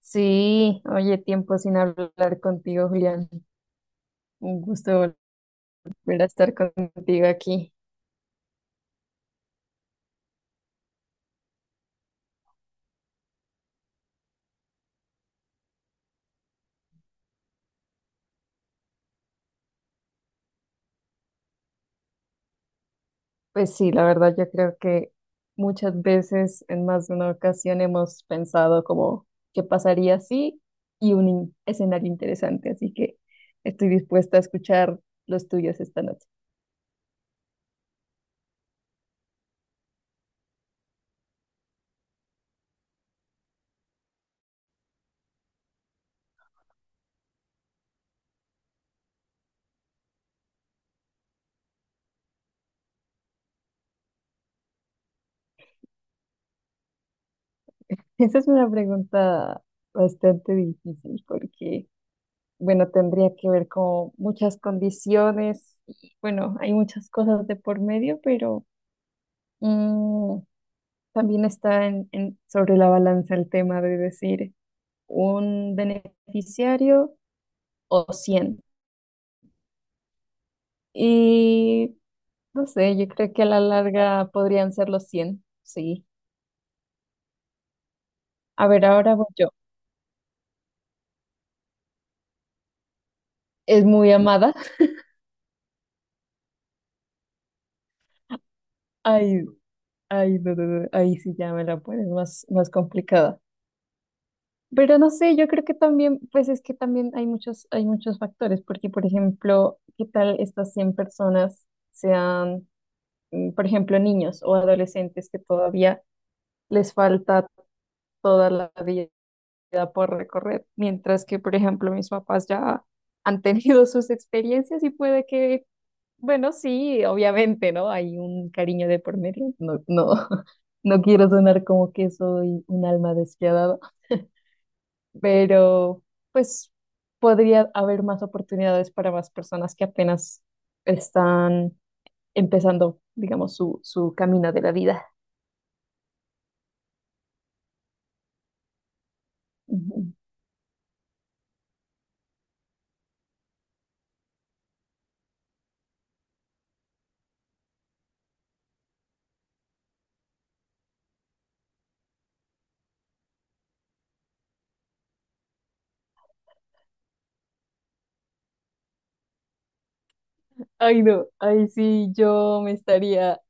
Sí, oye, tiempo sin hablar contigo, Julián. Un gusto volver a estar contigo aquí. Pues sí, la verdad, yo creo que muchas veces, en más de una ocasión, hemos pensado como qué pasaría si y un escenario interesante. Así que estoy dispuesta a escuchar los tuyos esta noche. Esa es una pregunta bastante difícil porque, bueno, tendría que ver con muchas condiciones y, bueno, hay muchas cosas de por medio, pero... Mm, también está sobre la balanza el tema de decir un beneficiario o 100. Y no sé, yo creo que a la larga podrían ser los 100, sí. A ver, ahora voy yo. Es muy amada. Ay, ay, no, no, no, ahí sí ya me la pones más complicada. Pero no sé, yo creo que también, pues es que también hay muchos factores, porque por ejemplo, ¿qué tal estas 100 personas sean, por ejemplo, niños o adolescentes que todavía les falta toda la vida por recorrer, mientras que, por ejemplo, mis papás ya han tenido sus experiencias y puede que, bueno, sí, obviamente, ¿no? Hay un cariño de por medio, no, no, no quiero sonar como que soy un alma despiadada, pero pues podría haber más oportunidades para más personas que apenas están empezando, digamos, su camino de la vida. Ay, no, ahí sí yo me estaría,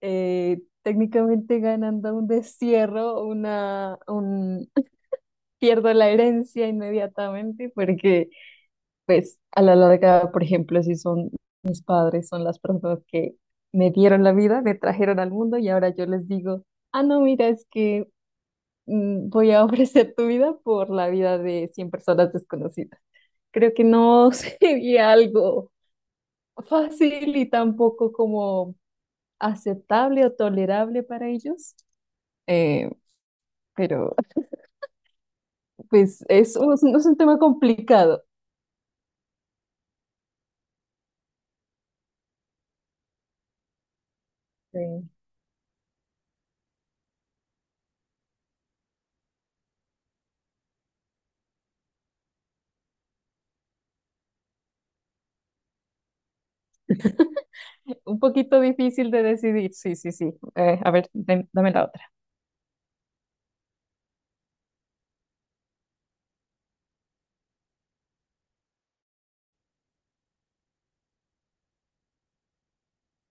técnicamente ganando un destierro, pierdo la herencia inmediatamente porque, pues, a la larga, por ejemplo, si son mis padres, son las personas que me dieron la vida, me trajeron al mundo y ahora yo les digo, ah, no, mira, es que voy a ofrecer tu vida por la vida de 100 personas desconocidas. Creo que no sería algo fácil y tampoco como aceptable o tolerable para ellos. Eh, pero pues es un tema complicado. Sí. Un poquito difícil de decidir. Sí, sí, sí. A ver, dame la otra.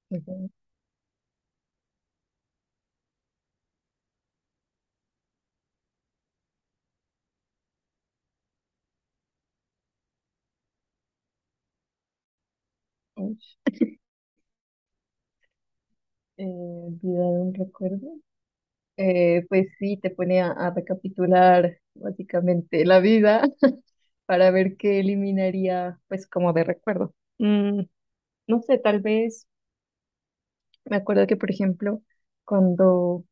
Ujú. Uy, olvidado un recuerdo. Pues sí, te pone a recapitular básicamente la vida para ver qué eliminaría, pues como de recuerdo. Mm, no sé, tal vez me acuerdo que, por ejemplo, cuando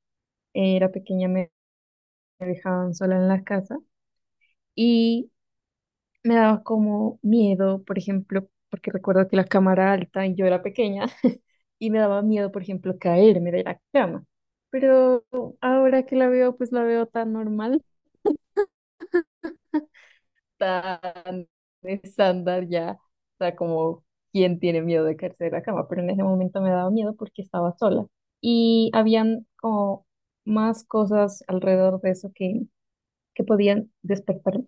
era pequeña me dejaban sola en la casa y me daba como miedo, por ejemplo, porque recuerdo que la cama era alta y yo era pequeña y me daba miedo, por ejemplo, caerme de la cama. Pero ahora que la veo, pues la veo tan normal, tan estándar ya, o sea, como quién tiene miedo de caerse de la cama, pero en ese momento me daba miedo porque estaba sola y habían como más cosas alrededor de eso que podían despertar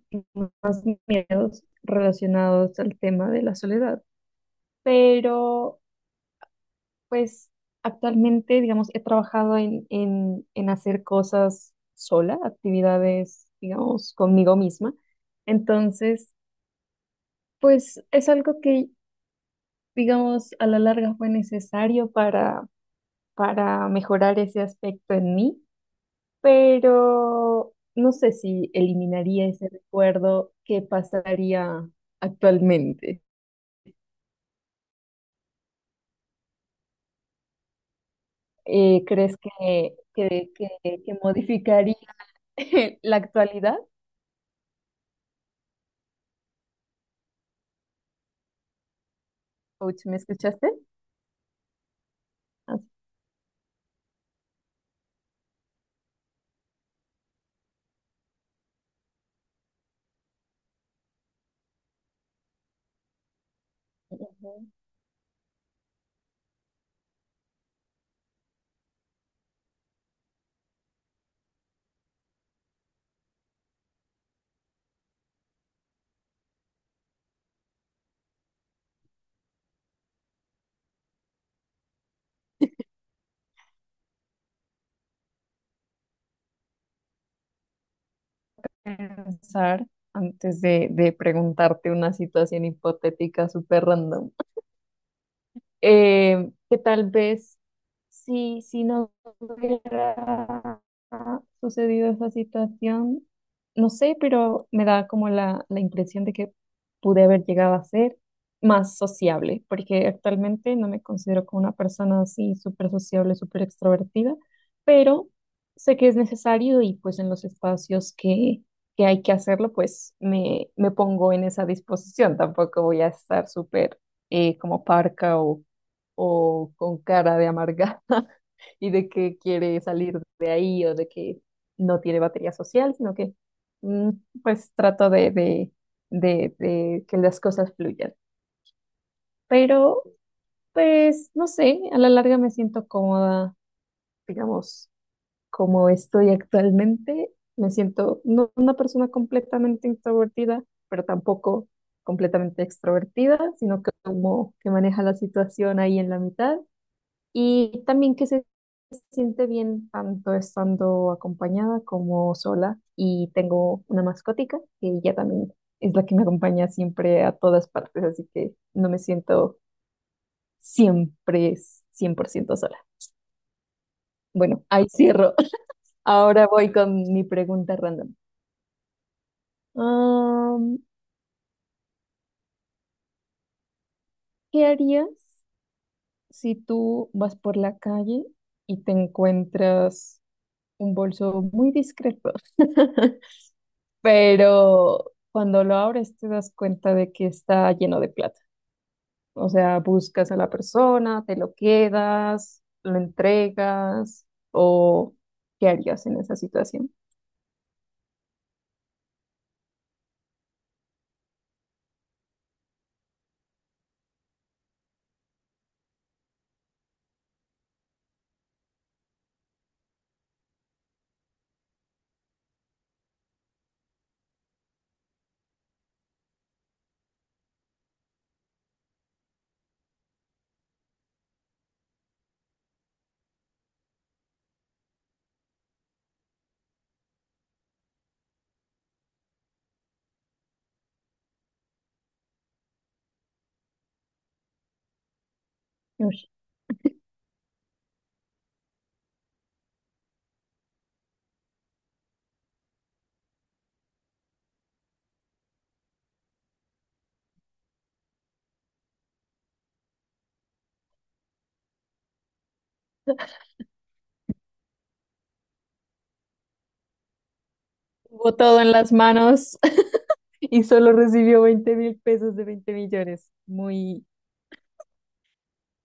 más miedos relacionados al tema de la soledad. Pero pues actualmente, digamos, he trabajado en hacer cosas sola, actividades, digamos, conmigo misma. Entonces, pues es algo que, digamos, a la larga fue necesario para mejorar ese aspecto en mí, pero no sé si eliminaría ese recuerdo. ¿Qué pasaría actualmente? ¿Crees que, que modificaría la actualidad? Coach, ¿me escuchaste? Así, ujú. Pensar antes de preguntarte una situación hipotética súper random. Que tal vez si no hubiera sucedido esa situación, no sé, pero me da como la impresión de que pude haber llegado a ser más sociable, porque actualmente no me considero como una persona así súper sociable, súper extrovertida, pero sé que es necesario y pues en los espacios que hay que hacerlo, pues me pongo en esa disposición. Tampoco voy a estar súper como parca o con cara de amargada y de que quiere salir de ahí o de que no tiene batería social, sino que mm, pues trato de que las cosas fluyan. Pero pues no sé, a la larga me siento cómoda, digamos, como estoy actualmente, me siento no una persona completamente introvertida, pero tampoco completamente extrovertida, sino que como que maneja la situación ahí en la mitad. Y también que se siente bien tanto estando acompañada como sola y tengo una mascotica que ella también es la que me acompaña siempre a todas partes, así que no me siento siempre 100% sola. Bueno, ahí cierro. Ahora voy con mi pregunta random. Am, ¿Qué harías si tú vas por la calle y te encuentras un bolso muy discreto? Pero cuando lo abres te das cuenta de que está lleno de plata. O sea, ¿buscas a la persona, te lo quedas, lo entregas, o qué harías en esa situación? Uy, tuvo todo en las manos y solo recibió 20.000 pesos de 20 millones. Muy,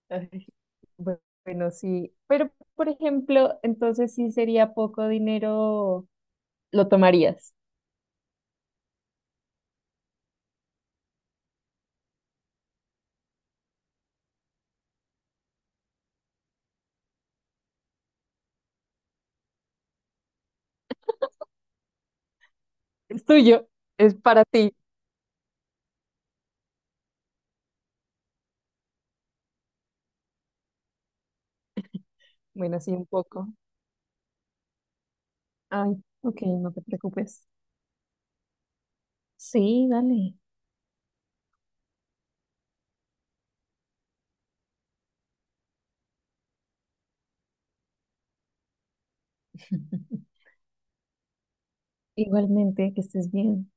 ay, bu- bueno, sí. Pero, por ejemplo, entonces sí sería poco dinero, lo tomarías. Es tuyo, es para ti. Bueno, sí, un poco. Ay, ok, no te preocupes. Sí, dale. Igualmente, que estés bien.